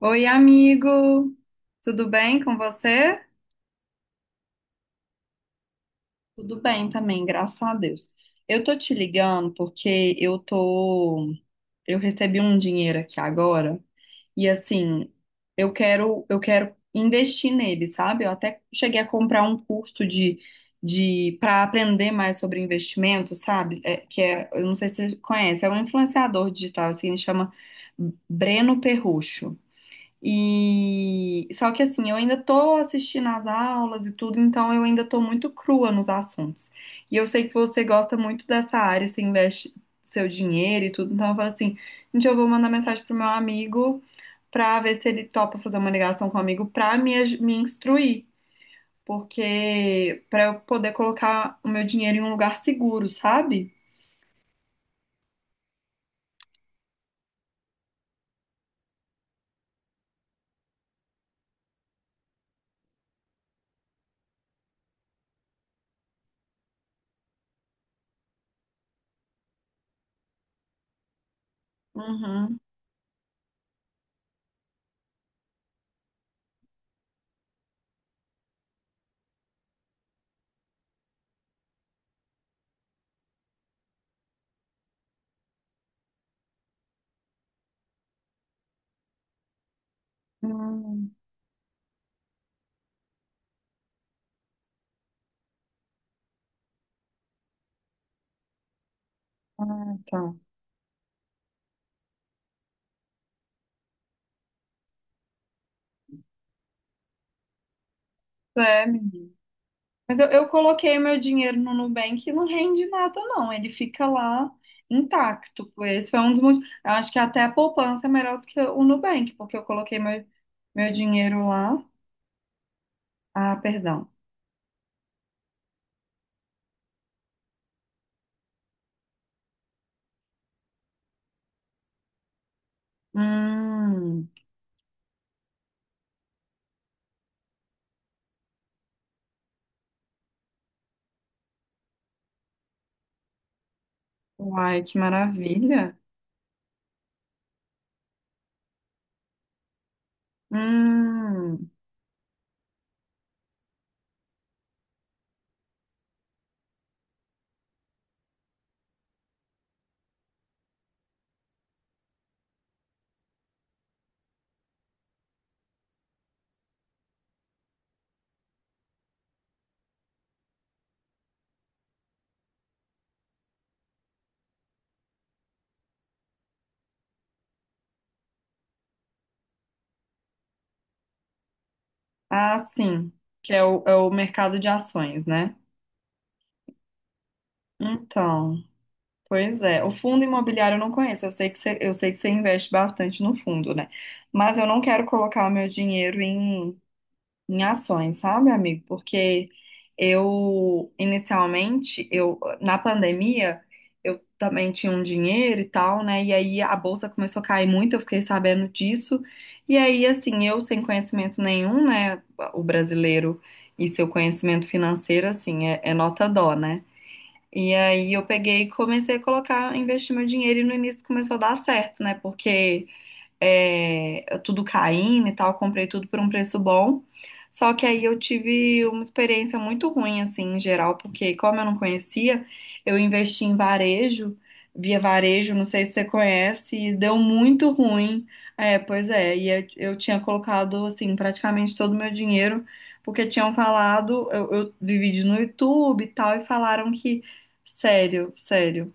Oi, amigo! Tudo bem com você? Tudo bem também, graças a Deus. Eu tô te ligando porque eu recebi um dinheiro aqui agora e assim, eu quero investir nele, sabe? Eu até cheguei a comprar um curso de para aprender mais sobre investimento, sabe? É, que é, eu não sei se você conhece, é um influenciador digital assim, ele chama Breno Perrucho. E só que assim, eu ainda tô assistindo às aulas e tudo, então eu ainda tô muito crua nos assuntos. E eu sei que você gosta muito dessa área, você investe seu dinheiro e tudo, então eu falo assim, gente, eu vou mandar mensagem pro meu amigo pra ver se ele topa fazer uma ligação comigo pra me, me instruir, porque pra eu poder colocar o meu dinheiro em um lugar seguro, sabe? Uhum. Hum, ah, tá. É, mas eu coloquei meu dinheiro no Nubank e não rende nada, não. Ele fica lá intacto. Esse foi um dos motivos. Eu acho que até a poupança é melhor do que o Nubank, porque eu coloquei meu dinheiro lá. Ah, perdão. Hum, uai, que maravilha. Hum, ah, sim, que é é o mercado de ações, né? Então, pois é. O fundo imobiliário eu não conheço. Eu sei que você investe bastante no fundo, né? Mas eu não quero colocar o meu dinheiro em em ações, sabe, amigo? Porque eu, inicialmente, eu na pandemia, eu também tinha um dinheiro e tal, né? E aí a bolsa começou a cair muito, eu fiquei sabendo disso. E aí, assim, eu sem conhecimento nenhum, né? O brasileiro e seu conhecimento financeiro, assim, é nota dó, né? E aí eu peguei e comecei a colocar, investir meu dinheiro e no início começou a dar certo, né? Porque é, tudo caindo e tal, comprei tudo por um preço bom. Só que aí eu tive uma experiência muito ruim, assim, em geral, porque como eu não conhecia, eu investi em varejo, via varejo, não sei se você conhece, e deu muito ruim. É, pois é, e eu tinha colocado, assim, praticamente todo o meu dinheiro, porque tinham falado, eu vi vídeos no YouTube e tal, e falaram que, sério, sério.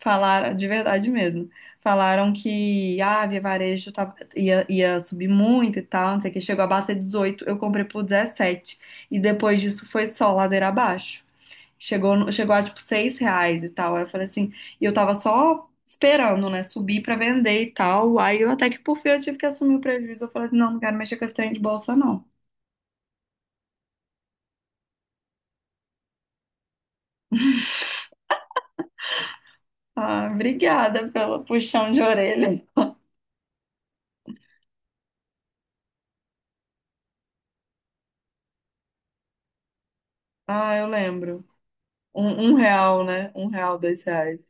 Falaram, de verdade mesmo. Falaram que ah, a Via Varejo ia subir muito e tal, não sei o que. Chegou a bater 18, eu comprei por 17. E depois disso foi só ladeira abaixo. Chegou, no- chegou a tipo 6 reais e tal. Aí eu falei assim, e eu tava só esperando, né, subir pra vender e tal. Aí eu até que por fim eu tive que assumir o prejuízo. Eu falei assim, não, não quero mexer com esse trem de bolsa, não. Ah, obrigada pelo puxão de orelha. Ah, eu lembro. Um real, né? Um real, dois reais.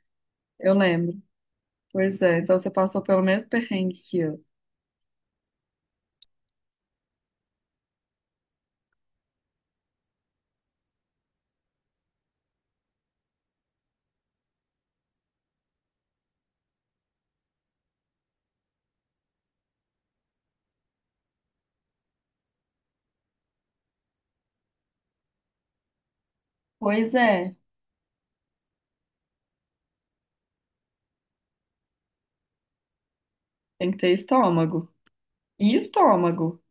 Eu lembro. Pois é, então você passou pelo mesmo perrengue que eu. Pois é, tem que ter estômago. E estômago,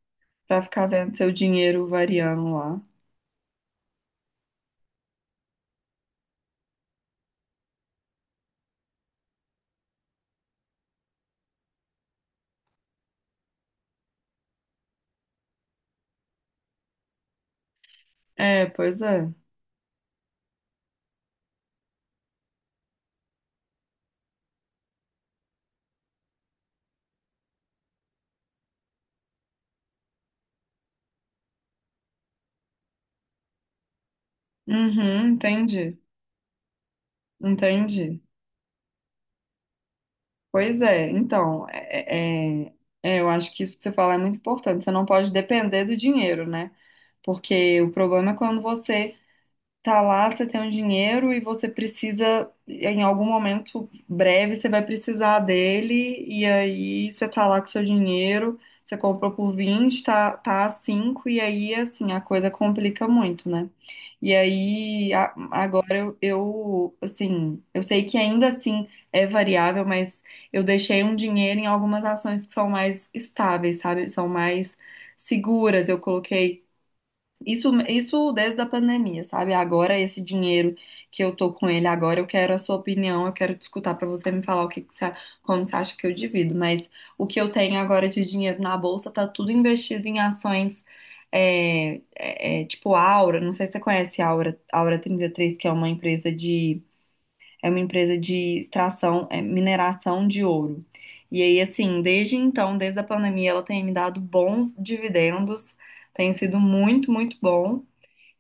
pra ficar vendo seu dinheiro variando lá. É, pois é. Uhum, entendi. Entendi. Pois é, então, eu acho que isso que você fala é muito importante. Você não pode depender do dinheiro, né? Porque o problema é quando você tá lá, você tem um dinheiro e você precisa, em algum momento breve, você vai precisar dele, e aí você tá lá com seu dinheiro, você comprou por 20 tá a 5 e aí, assim, a coisa complica muito, né? E aí, agora eu, assim, eu sei que ainda assim é variável, mas eu deixei um dinheiro em algumas ações que são mais estáveis, sabe? São mais seguras, eu coloquei isso, isso desde a pandemia, sabe? Agora, esse dinheiro que eu tô com ele agora, eu quero a sua opinião, eu quero te escutar pra você me falar o que que você, como você acha que eu divido. Mas o que eu tenho agora de dinheiro na bolsa tá tudo investido em ações tipo Aura. Não sei se você conhece a Aura, Aura 33 que é é uma empresa de extração, mineração de ouro. E aí, assim, desde então, desde a pandemia, ela tem me dado bons dividendos. Tem sido muito, muito bom.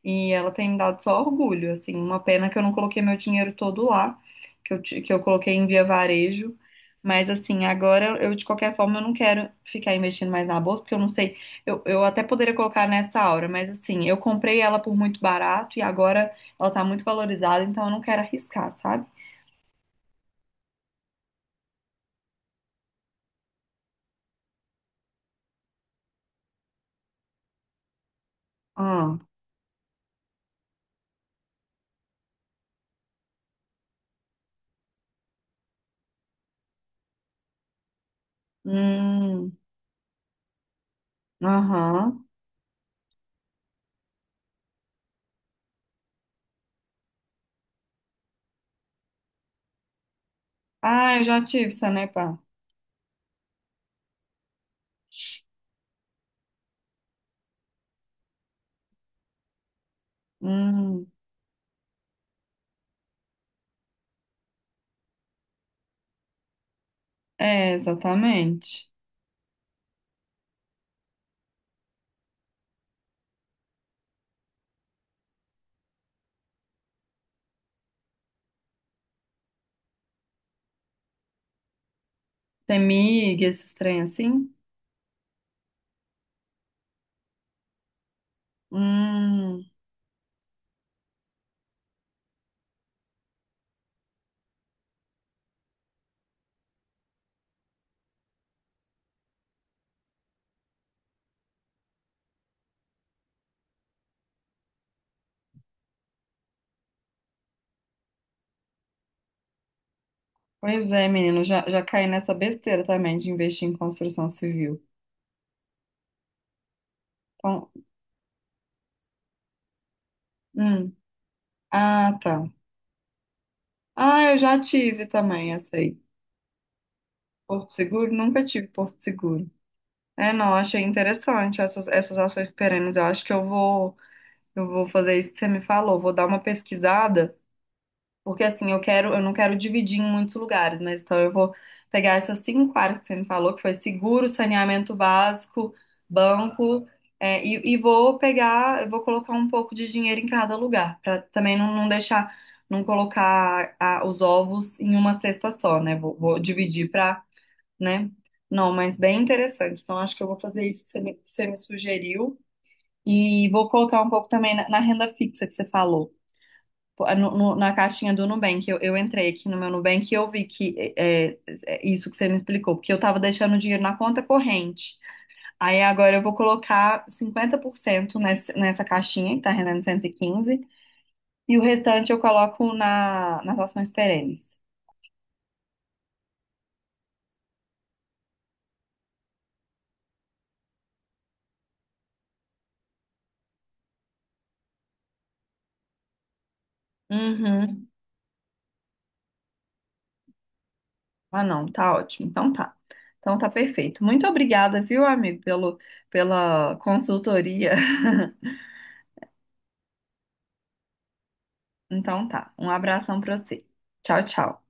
E ela tem me dado só orgulho, assim, uma pena que eu não coloquei meu dinheiro todo lá, que eu coloquei em via varejo, mas assim, agora eu de qualquer forma eu não quero ficar investindo mais na bolsa, porque eu não sei, eu até poderia colocar nessa hora, mas assim, eu comprei ela por muito barato e agora ela tá muito valorizada, então eu não quero arriscar, sabe? Ah, hum, aham. Ah, eu já tive Sanepar. Hum, é, exatamente. Temig, esses trem assim? Hum. Pois é, menino, já, já caí nessa besteira também de investir em construção civil. Então, hum, ah, tá. Ah, eu já tive também essa aí. Porto Seguro? Nunca tive Porto Seguro. É, não, achei interessante essas ações perenes. Eu acho que eu vou fazer isso que você me falou. Vou dar uma pesquisada. Porque assim, eu quero, eu não quero dividir em muitos lugares, mas então eu vou pegar essas cinco áreas que você me falou, que foi seguro, saneamento básico, banco, e vou pegar, eu vou colocar um pouco de dinheiro em cada lugar, para também não, não deixar, não colocar os ovos em uma cesta só, né? Vou dividir para, né? Não, mas bem interessante. Então acho que eu vou fazer isso que você me sugeriu e vou colocar um pouco também na renda fixa que você falou. Pô, é na caixinha do Nubank, eu entrei aqui no meu Nubank e eu vi que é isso que você me explicou, porque eu tava deixando o dinheiro na conta corrente. Aí agora eu vou colocar 50% nessa caixinha, que tá rendendo 115, e quinze, e o restante eu coloco nas ações perenes. Uhum. Ah, não, tá ótimo. Então tá. Então tá perfeito. Muito obrigada, viu, amigo, pela consultoria. Então tá. Um abração pra você. Tchau, tchau.